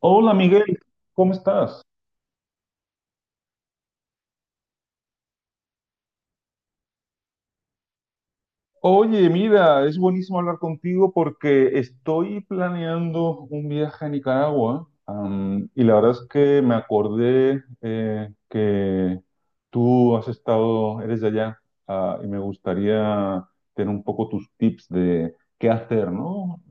Hola, Miguel, ¿cómo estás? Oye, mira, es buenísimo hablar contigo porque estoy planeando un viaje a Nicaragua, y la verdad es que me acordé que tú has estado, eres de allá, y me gustaría tener un poco tus tips de qué hacer, ¿no?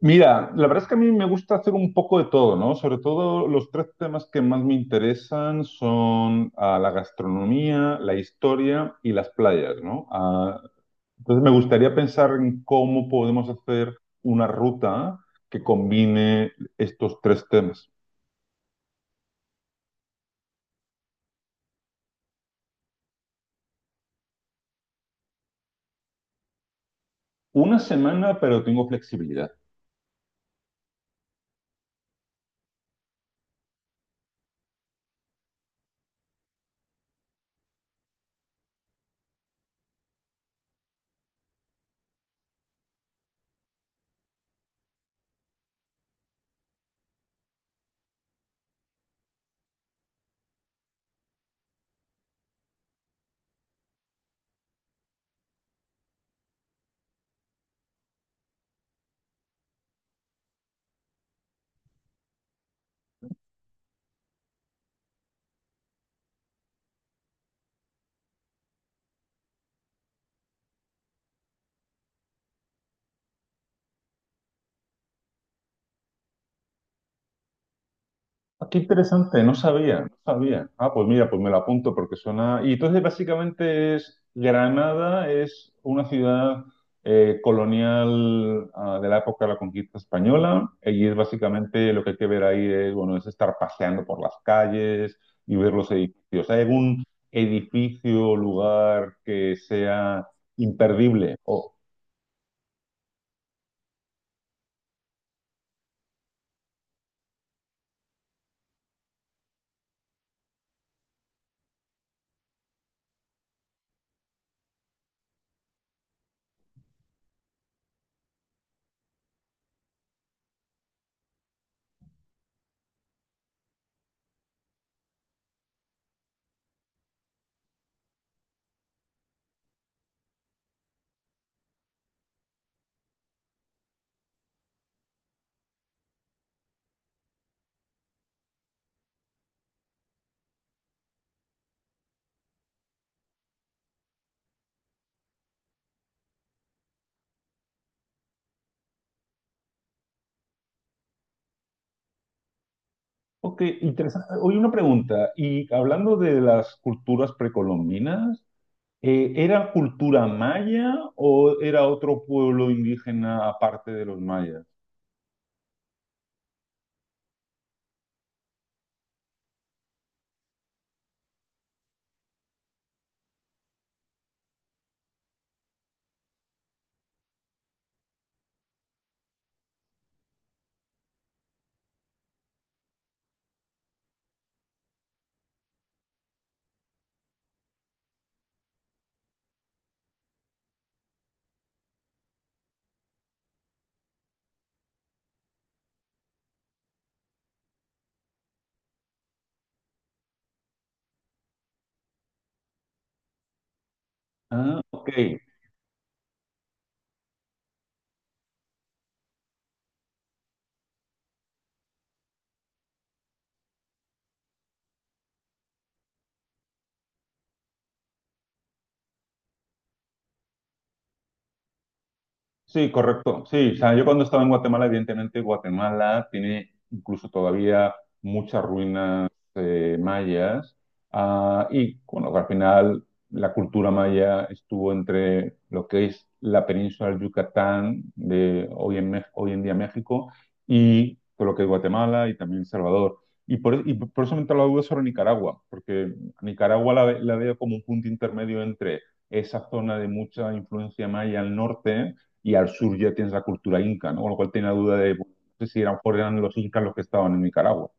Mira, la verdad es que a mí me gusta hacer un poco de todo, ¿no? Sobre todo los tres temas que más me interesan son la gastronomía, la historia y las playas, ¿no? Entonces me gustaría pensar en cómo podemos hacer una ruta que combine estos tres temas. Una semana, pero tengo flexibilidad. Ah, qué interesante, no sabía, no sabía. Ah, pues mira, pues me lo apunto porque suena. Y entonces básicamente es Granada es una ciudad colonial, de la época de la conquista española, y es básicamente lo que hay que ver ahí, es bueno, es estar paseando por las calles y ver los edificios. ¿Hay algún edificio o lugar que sea imperdible? Oh, ok, interesante. Oye, una pregunta. Y hablando de las culturas precolombinas. ¿Era cultura maya o era otro pueblo indígena aparte de los mayas? Ah, ok. Sí, correcto. Sí, o sea, yo cuando estaba en Guatemala, evidentemente Guatemala tiene incluso todavía muchas ruinas mayas. Ah, y bueno, al final la cultura maya estuvo entre lo que es la península del Yucatán de hoy en, hoy en día México, y todo lo que es Guatemala y también El Salvador. Y por eso me entró la duda sobre Nicaragua, porque Nicaragua la, la veo como un punto intermedio entre esa zona de mucha influencia maya al norte, y al sur ya tienes la cultura inca, ¿no? Con lo cual tenía la duda de bueno, no sé si eran los incas los que estaban en Nicaragua.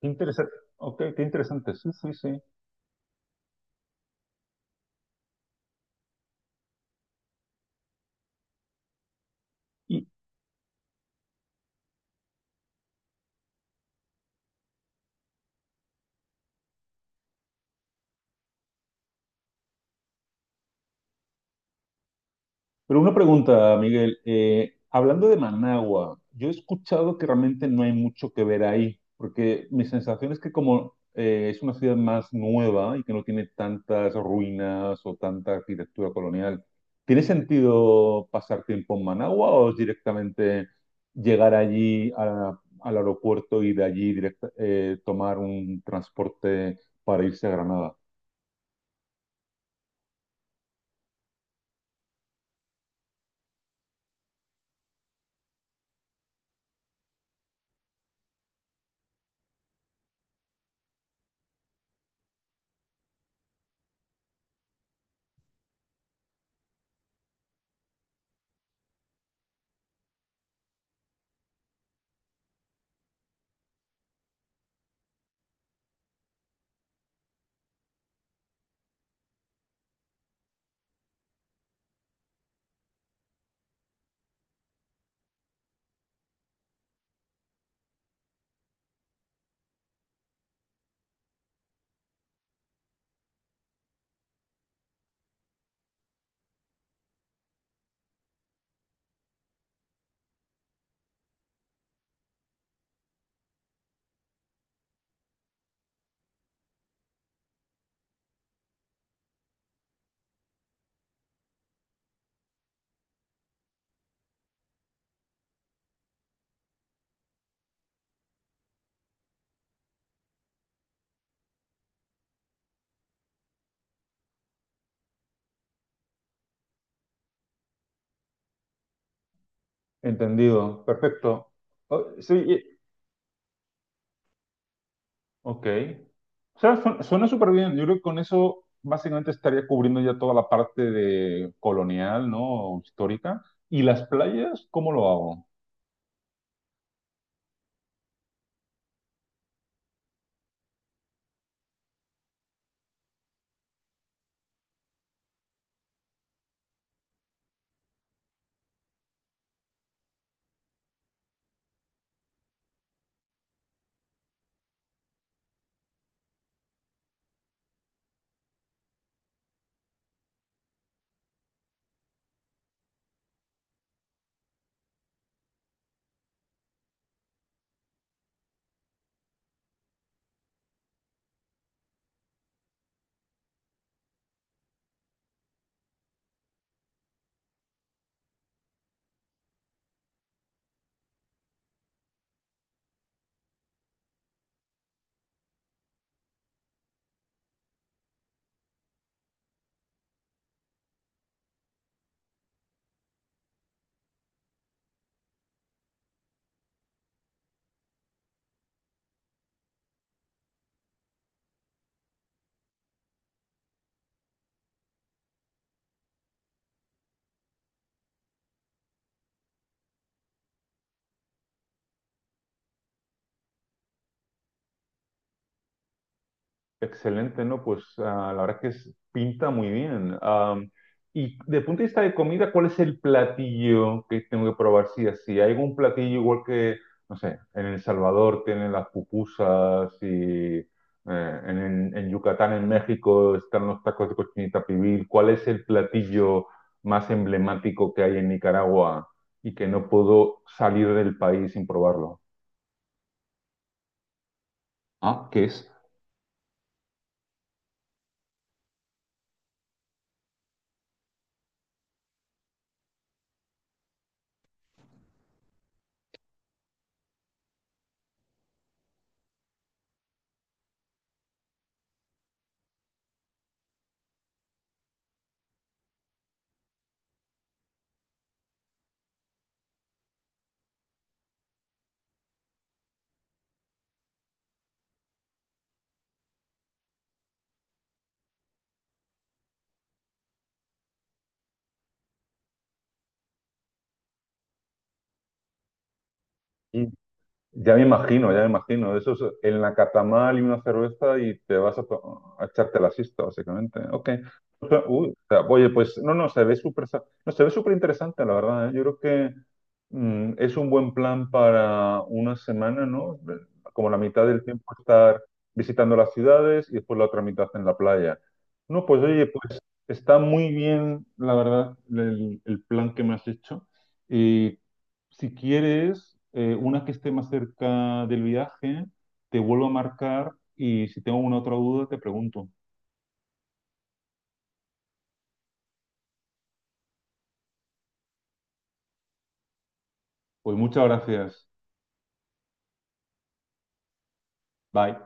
Qué interesante, ok, qué interesante, sí, sí, sí. Pero una pregunta, Miguel. Hablando de Managua, yo he escuchado que realmente no hay mucho que ver ahí, porque mi sensación es que como es una ciudad más nueva y que no tiene tantas ruinas o tanta arquitectura colonial, ¿tiene sentido pasar tiempo en Managua o es directamente llegar allí al aeropuerto y de allí tomar un transporte para irse a Granada? Entendido, perfecto. Oh, sí, ok. O sea, suena súper bien. Yo creo que con eso básicamente estaría cubriendo ya toda la parte de colonial, ¿no? Histórica. ¿Y las playas? ¿Cómo lo hago? Excelente, ¿no? Pues ah, la verdad que pinta muy bien. Y de punto de vista de comida, ¿cuál es el platillo que tengo que probar? Sí, así. ¿Hay algún platillo igual que, no sé, en El Salvador tienen las pupusas y en, en Yucatán, en México, están los tacos de cochinita pibil? ¿Cuál es el platillo más emblemático que hay en Nicaragua y que no puedo salir del país sin probarlo? Ah, ¿qué es? Ya me imagino, ya me imagino. Eso es en la catamal y una cerveza y te vas a, a echarte la siesta, básicamente. Ok. O sea, uy, o sea, oye, pues no, no, se ve súper, no, se ve súper interesante, la verdad, ¿eh? Yo creo que es un buen plan para una semana, ¿no? Como la mitad del tiempo estar visitando las ciudades y después la otra mitad en la playa. No, pues oye, pues está muy bien, la verdad, el plan que me has hecho. Y si quieres, una que esté más cerca del viaje, te vuelvo a marcar y si tengo una otra duda, te pregunto. Pues muchas gracias. Bye.